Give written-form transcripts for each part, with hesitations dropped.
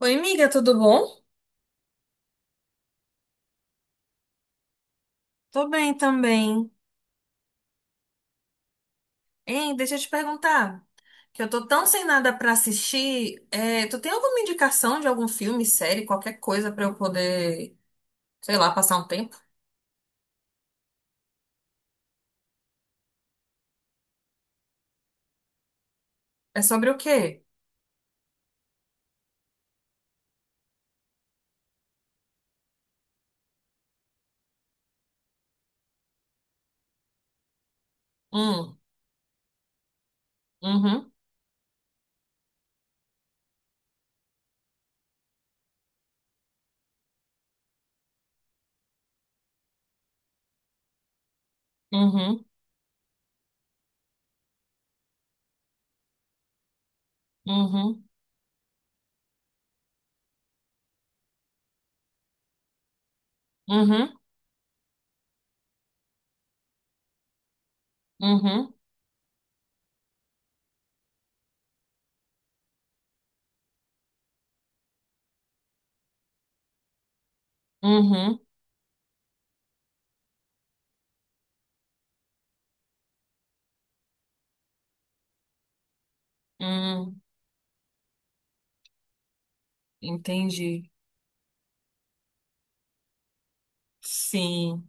Oi, amiga, tudo bom? Tô bem também. Hein, deixa eu te perguntar, que eu tô tão sem nada pra assistir, tu tem alguma indicação de algum filme, série, qualquer coisa pra eu poder, sei lá, passar um tempo? É sobre o quê? Hum, uhum, uhum, uhum, uhum, uhum, uhum, hum, entendi. Sim,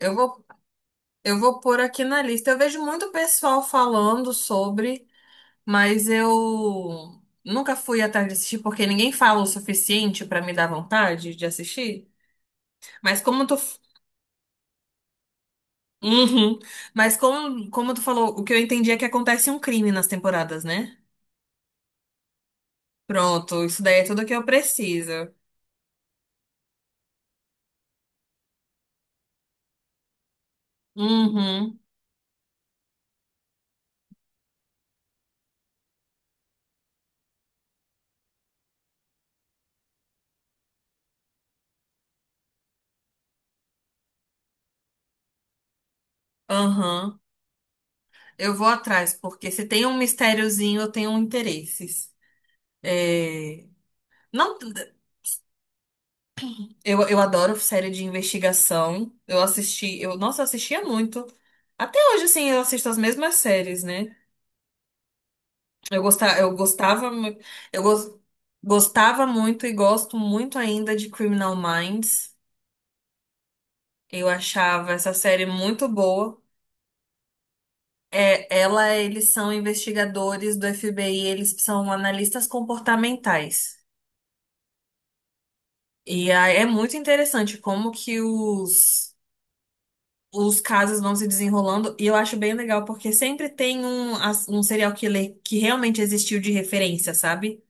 eu vou, eu vou pôr aqui na lista. Eu vejo muito pessoal falando sobre. Mas eu nunca fui atrás de assistir porque ninguém fala o suficiente pra me dar vontade de assistir. Mas como tu. Uhum. Mas como tu falou, o que eu entendi é que acontece um crime nas temporadas, né? Pronto, isso daí é tudo que eu preciso. Uhum, aham. Eu vou atrás, porque se tem um mistériozinho, eu tenho interesses. É... Não. Eu adoro série de investigação. Eu assisti, eu, nossa, eu assistia muito. Até hoje, assim, eu assisto as mesmas séries, né? Eu gostava, mu- eu gos- Gostava muito e gosto muito ainda de Criminal Minds. Eu achava essa série muito boa. É, ela, eles são investigadores do FBI, eles são analistas comportamentais. E aí é muito interessante como que os casos vão se desenrolando e eu acho bem legal porque sempre tem um serial killer que realmente existiu de referência, sabe?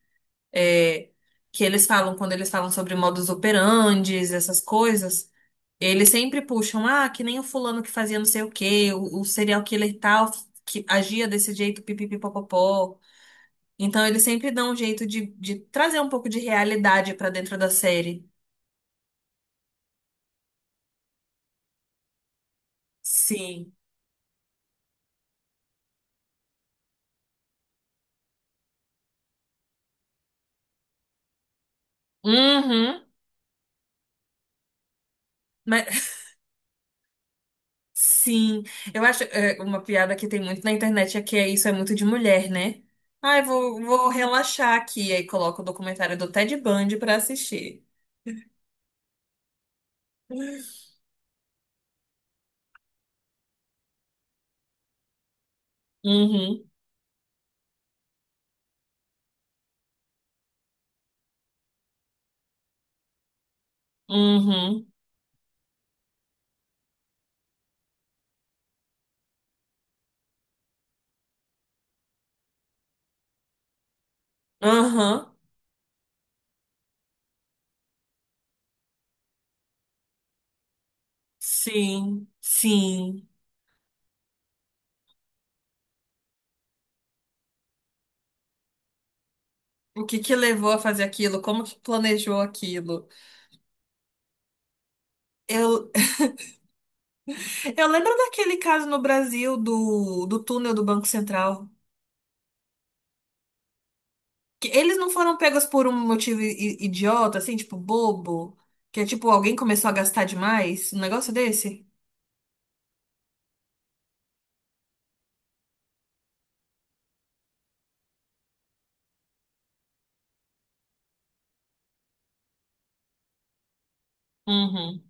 É, que eles falam, quando eles falam sobre modus operandes, essas coisas, eles sempre puxam, ah, que nem o fulano que fazia não sei o quê, o serial killer tal, que agia desse jeito, pipipipopopó. Então eles sempre dão um jeito de trazer um pouco de realidade pra dentro da série. Sim. Uhum. Mas sim, eu acho uma piada que tem muito na internet é que isso é muito de mulher, né? Ah, vou relaxar aqui, aí coloca o documentário do Ted Bundy pra assistir. Uhum, uhum, aham, sim, sim. O que que levou a fazer aquilo? Como que planejou aquilo? Eu, eu lembro daquele caso no Brasil do túnel do Banco Central. Que eles não foram pegos por um motivo idiota, assim, tipo, bobo. Que é tipo, alguém começou a gastar demais? Um negócio desse? Uhum.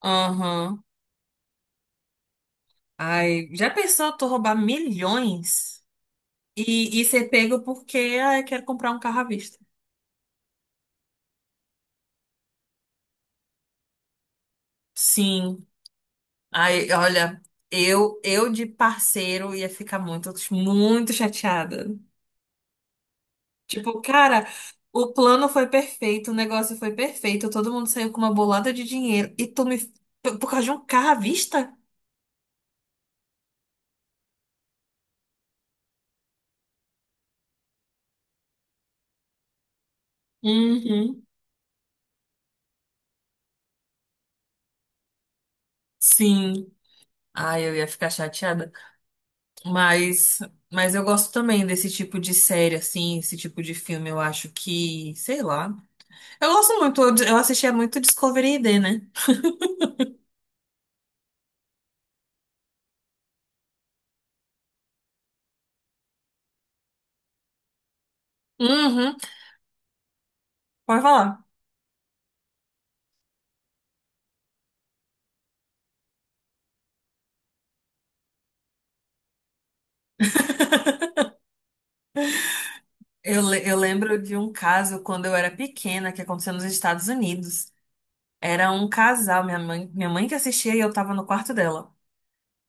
Aham. Ai, já pensou tu roubar milhões e ser pego porque, ah, eu quero comprar um carro à vista? Sim. Ai, olha, eu de parceiro ia ficar muito, muito chateada. Tipo, cara, o plano foi perfeito, o negócio foi perfeito, todo mundo saiu com uma bolada de dinheiro e tu me. Por causa de um carro à vista? Uhum, sim. Ai, eu ia ficar chateada. Mas, mas eu gosto também desse tipo de série, assim, esse tipo de filme. Eu acho que, sei lá. Eu gosto muito, eu assistia muito Discovery ID, né? Uhum. Pode falar. Eu lembro de um caso quando eu era pequena que aconteceu nos Estados Unidos. Era um casal, minha mãe que assistia e eu tava no quarto dela.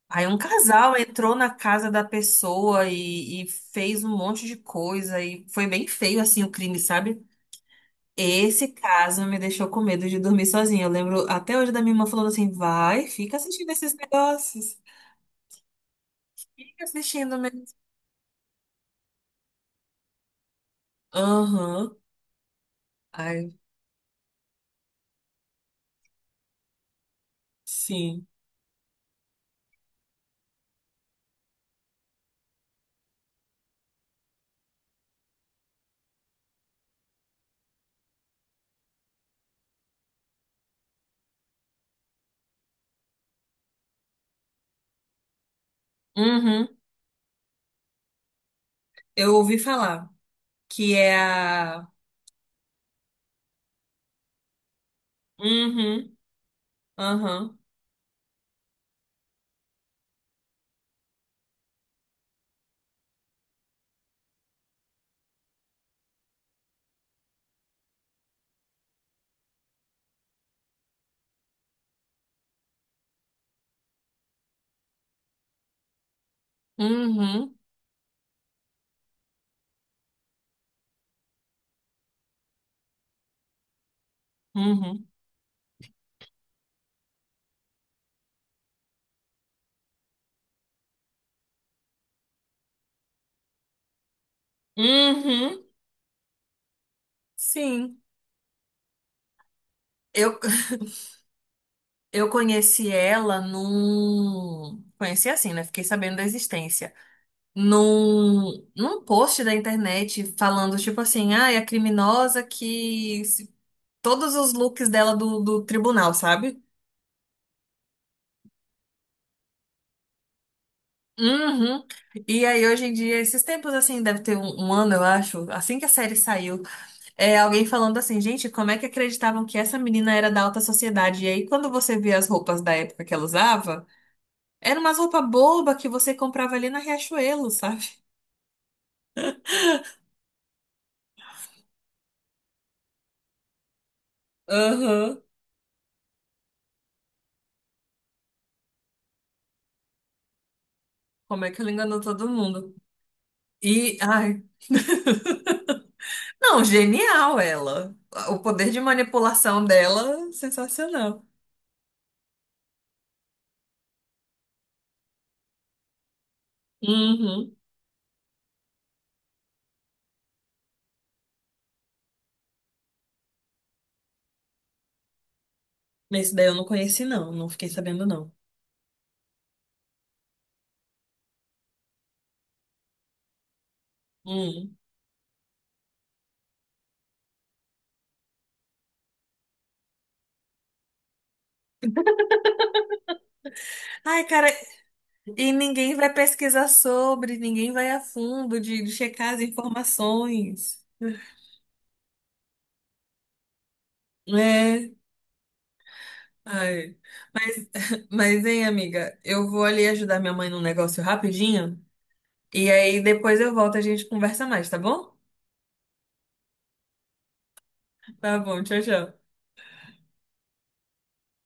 Aí um casal entrou na casa da pessoa e fez um monte de coisa e foi bem feio assim o crime, sabe? Esse caso me deixou com medo de dormir sozinha. Eu lembro até hoje da minha irmã falando assim: vai, fica assistindo esses negócios. Fica assistindo mesmo. Aham. Ai, sim. Uhum. Eu ouvi falar que é a. Uhum. Aham. Uhum. Uhum. Uhum. Sim. Eu, eu conheci ela num. Conheci assim, né? Fiquei sabendo da existência. Num post da internet falando, tipo assim, ah, é a criminosa que. Se- Todos os looks dela do tribunal, sabe? Uhum. E aí, hoje em dia, esses tempos assim, deve ter um ano, eu acho, assim que a série saiu, é alguém falando assim, gente, como é que acreditavam que essa menina era da alta sociedade? E aí, quando você vê as roupas da época que ela usava. Era umas roupa boba que você comprava ali na Riachuelo, sabe? Aham. Como é que ela enganou todo mundo? E, ai. Não, genial ela. O poder de manipulação dela, sensacional. Uhum. Mas esse daí eu não conheci, não. Não fiquei sabendo, não. Hum. Ai, cara, e ninguém vai pesquisar sobre, ninguém vai a fundo de checar as informações. É. Ai. Mas, mas, hein, amiga, eu vou ali ajudar minha mãe num negócio rapidinho. E aí depois eu volto, e a gente conversa mais, tá bom? Tá bom, tchau, tchau.